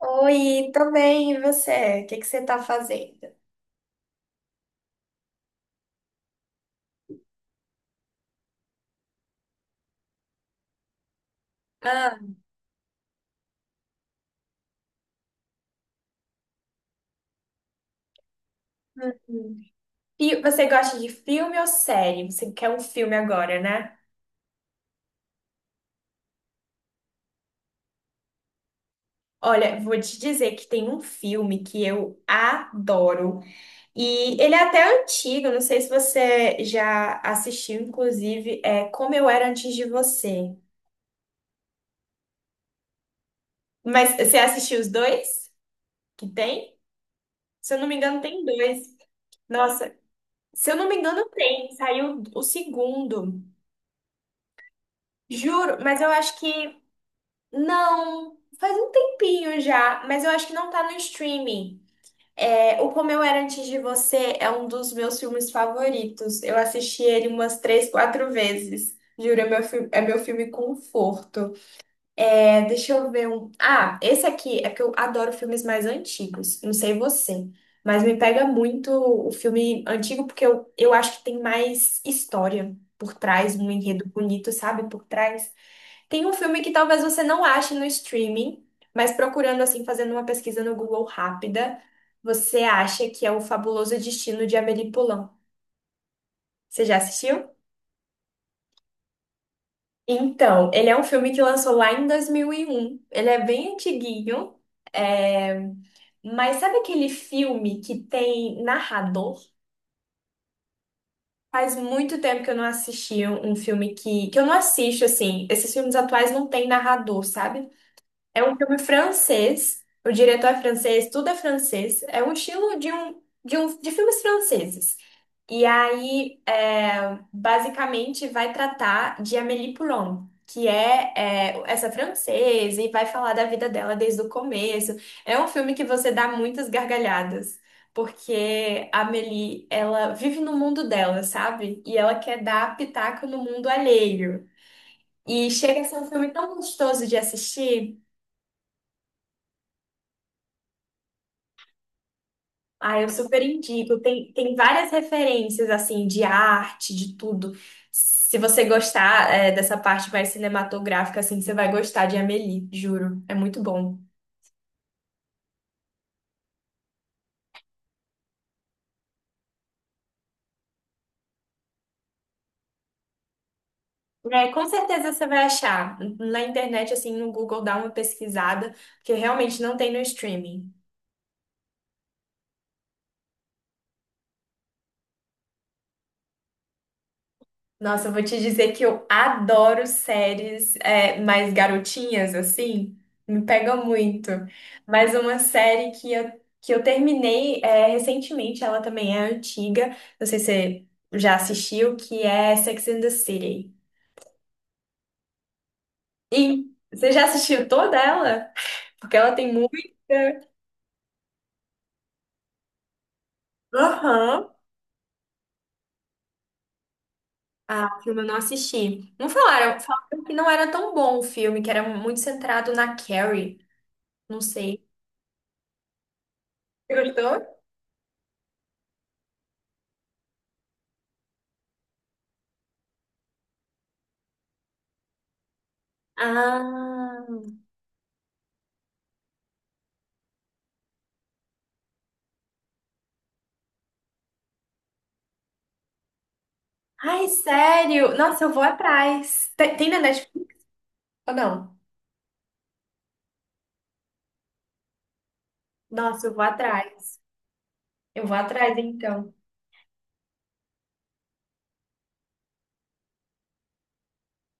Oi, tô bem, e você? O que que você tá fazendo? Ah, uhum. E você gosta de filme ou série? Você quer um filme agora, né? Olha, vou te dizer que tem um filme que eu adoro. E ele é até antigo, não sei se você já assistiu, inclusive, é Como Eu Era Antes de Você. Mas você assistiu os dois que tem? Se eu não me engano, tem dois. Nossa, se eu não me engano, tem. Saiu o segundo. Juro, mas eu acho que. Não, faz um tempinho já, mas eu acho que não tá no streaming. É, O Como Eu Era Antes de Você é um dos meus filmes favoritos. Eu assisti ele umas três, quatro vezes. Juro, é meu filme conforto. É, deixa eu ver um. Ah, esse aqui é que eu adoro filmes mais antigos. Não sei você, mas me pega muito o filme antigo porque eu acho que tem mais história por trás, um enredo bonito, sabe? Por trás. Tem um filme que talvez você não ache no streaming, mas procurando assim, fazendo uma pesquisa no Google rápida, você acha que é O Fabuloso Destino de Amélie Poulain. Você já assistiu? Então, ele é um filme que lançou lá em 2001. Ele é bem antiguinho, é, mas sabe aquele filme que tem narrador? Faz muito tempo que eu não assisti um filme que eu não assisto, assim. Esses filmes atuais não tem narrador, sabe? É um filme francês, o diretor é francês, tudo é francês, é um estilo de filmes franceses. E aí, é, basicamente, vai tratar de Amélie Poulain, que é, essa francesa, e vai falar da vida dela desde o começo. É um filme que você dá muitas gargalhadas, porque a Amélie, ela vive no mundo dela, sabe? E ela quer dar pitaco no mundo alheio. E chega a ser um filme tão gostoso de assistir. Ah, eu super indico. Tem várias referências, assim, de arte, de tudo. Se você gostar, é, dessa parte mais cinematográfica, assim, você vai gostar de Amélie, juro. É muito bom. É, com certeza você vai achar. Na internet, assim, no Google, dá uma pesquisada, porque realmente não tem no streaming. Nossa, eu vou te dizer que eu adoro séries é, mais garotinhas, assim, me pega muito. Mas uma série que eu terminei é, recentemente, ela também é antiga, não sei se você já assistiu, que é Sex and the City. E você já assistiu toda ela? Porque ela tem muita. Aham. Ah, filme eu não assisti. Não falaram, falaram que não era tão bom o filme, que era muito centrado na Carrie. Não sei. Você gostou? Ah. Ai, sério? Nossa, eu vou atrás. Tem na Netflix ou não? Nossa, eu vou atrás. Eu vou atrás, então.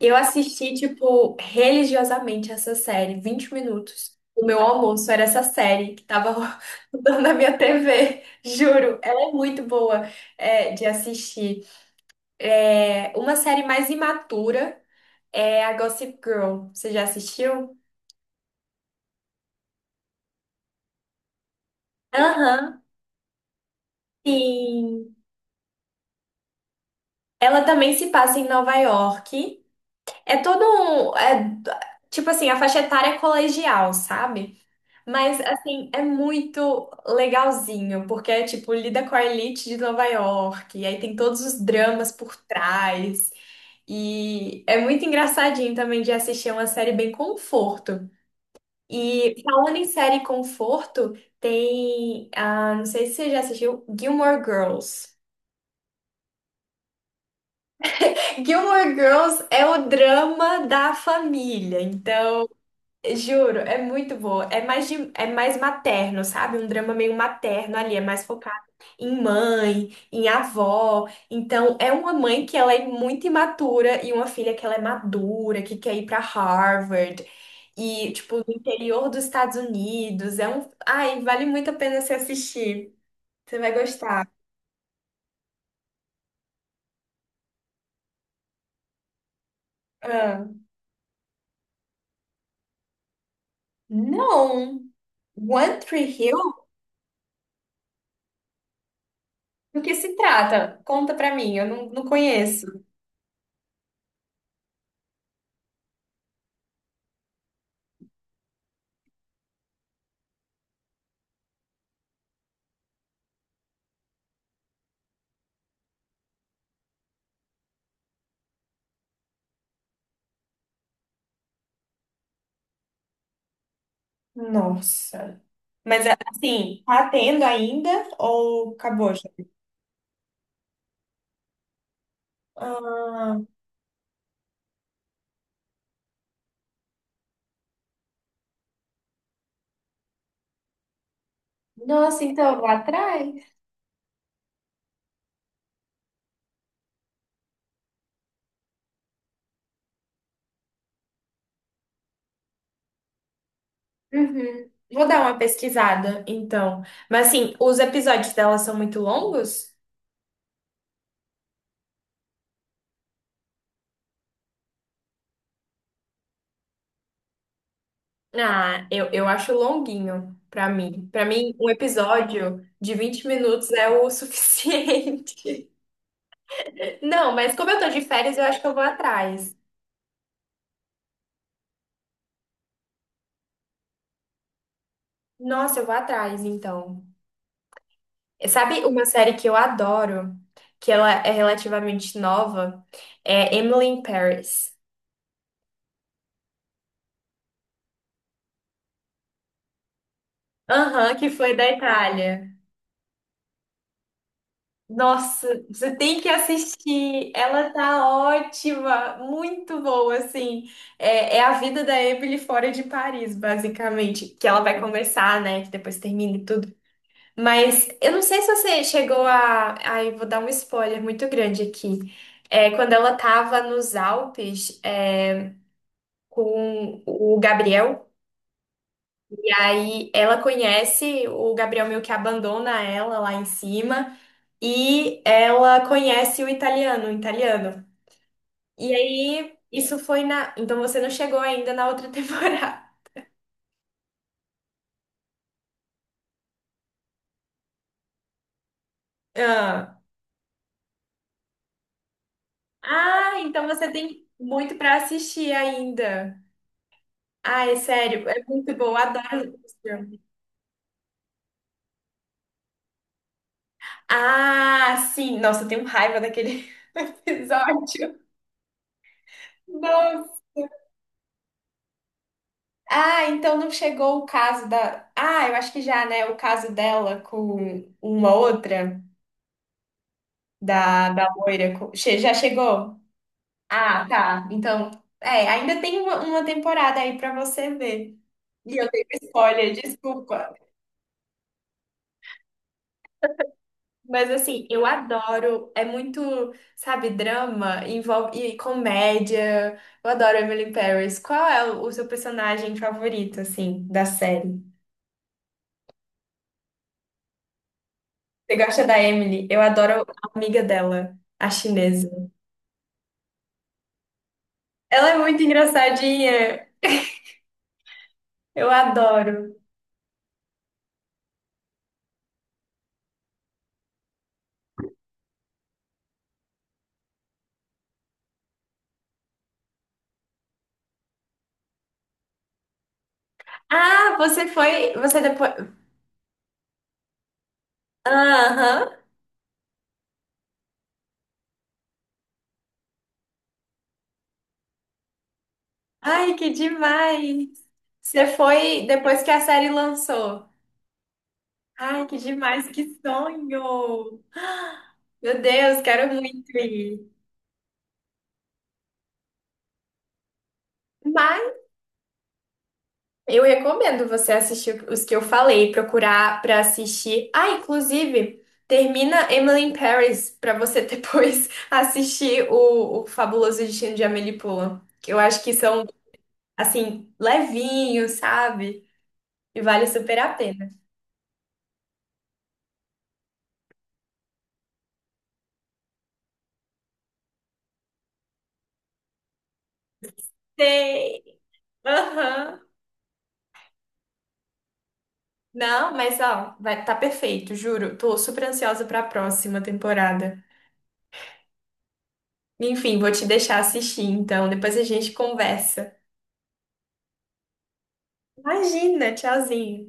Eu assisti, tipo, religiosamente essa série, 20 minutos. O meu almoço era essa série que tava rodando na minha TV. Juro, ela é muito boa, é, de assistir. É, uma série mais imatura é a Gossip Girl. Você já assistiu? Aham, sim. Ela também se passa em Nova York. É todo um. É, tipo assim, a faixa etária é colegial, sabe? Mas, assim, é muito legalzinho, porque, é, tipo, lida com a elite de Nova York, e aí tem todos os dramas por trás, e é muito engraçadinho também de assistir é uma série bem conforto. E falando em série conforto, tem, ah, não sei se você já assistiu, Gilmore Girls. Gilmore Girls é o drama da família, então. Juro, é muito boa. É mais materno, sabe? Um drama meio materno ali, é mais focado em mãe, em avó. Então, é uma mãe que ela é muito imatura e uma filha que ela é madura, que quer ir pra Harvard e tipo no interior dos Estados Unidos. É um, ai, vale muito a pena se assistir. Você vai gostar. Ah, não. One Tree Hill? Do que se trata? Conta pra mim, eu não conheço. Nossa. Mas assim, tá tendo ainda ou acabou já? Ah, nossa, então lá atrás. Uhum. Vou dar uma pesquisada, então. Mas assim, os episódios dela são muito longos? Ah, eu acho longuinho pra mim. Pra mim, um episódio de 20 minutos é o suficiente. Não, mas como eu tô de férias, eu acho que eu vou atrás. Nossa, eu vou atrás, então. Sabe uma série que eu adoro, que ela é relativamente nova, é Emily in Paris. Aham, que foi da Itália. Nossa, você tem que assistir. Ela tá ótima, muito boa, assim. É, é a vida da Emily fora de Paris, basicamente. Que ela vai começar, né? Que depois termina e tudo. Mas eu não sei se você chegou a. Aí vou dar um spoiler muito grande aqui. É, quando ela tava nos Alpes. É, com o Gabriel. E aí ela conhece o Gabriel meio que abandona ela lá em cima e ela conhece o italiano, o italiano. E aí isso foi na, então você não chegou ainda na outra temporada. Ah, Ah, então você tem muito pra assistir ainda. Ah, é sério, é muito bom, eu adoro esse filme. Ah, sim, nossa, eu tenho raiva daquele episódio. Nossa. Ah, então não chegou o caso da. Ah, eu acho que já, né? O caso dela com uma outra, da loira. Já chegou? Ah, tá. Então, é, ainda tem uma temporada aí pra você ver. E eu dei spoiler, desculpa. Mas assim, eu adoro. É muito, sabe, drama, envolve e comédia. Eu adoro Emily in Paris. Qual é o seu personagem favorito, assim, da série? Você gosta da Emily? Eu adoro a amiga dela, a chinesa. Ela é muito engraçadinha. Eu adoro. Ah, você foi. Você depois. Aham. Ai, que demais. Você foi depois que a série lançou. Ai, que demais, que sonho. Meu Deus, quero muito ir. Mas Eu recomendo você assistir os que eu falei, procurar pra assistir. Ah, inclusive, termina Emily in Paris pra você depois assistir o Fabuloso Destino de Amélie Poulain, que eu acho que são assim levinhos, sabe? E vale super a pena. Sei. Aham. Não, mas ó, vai tá perfeito, juro. Tô super ansiosa pra próxima temporada. Enfim, vou te deixar assistir, então. Depois a gente conversa. Imagina, tchauzinho.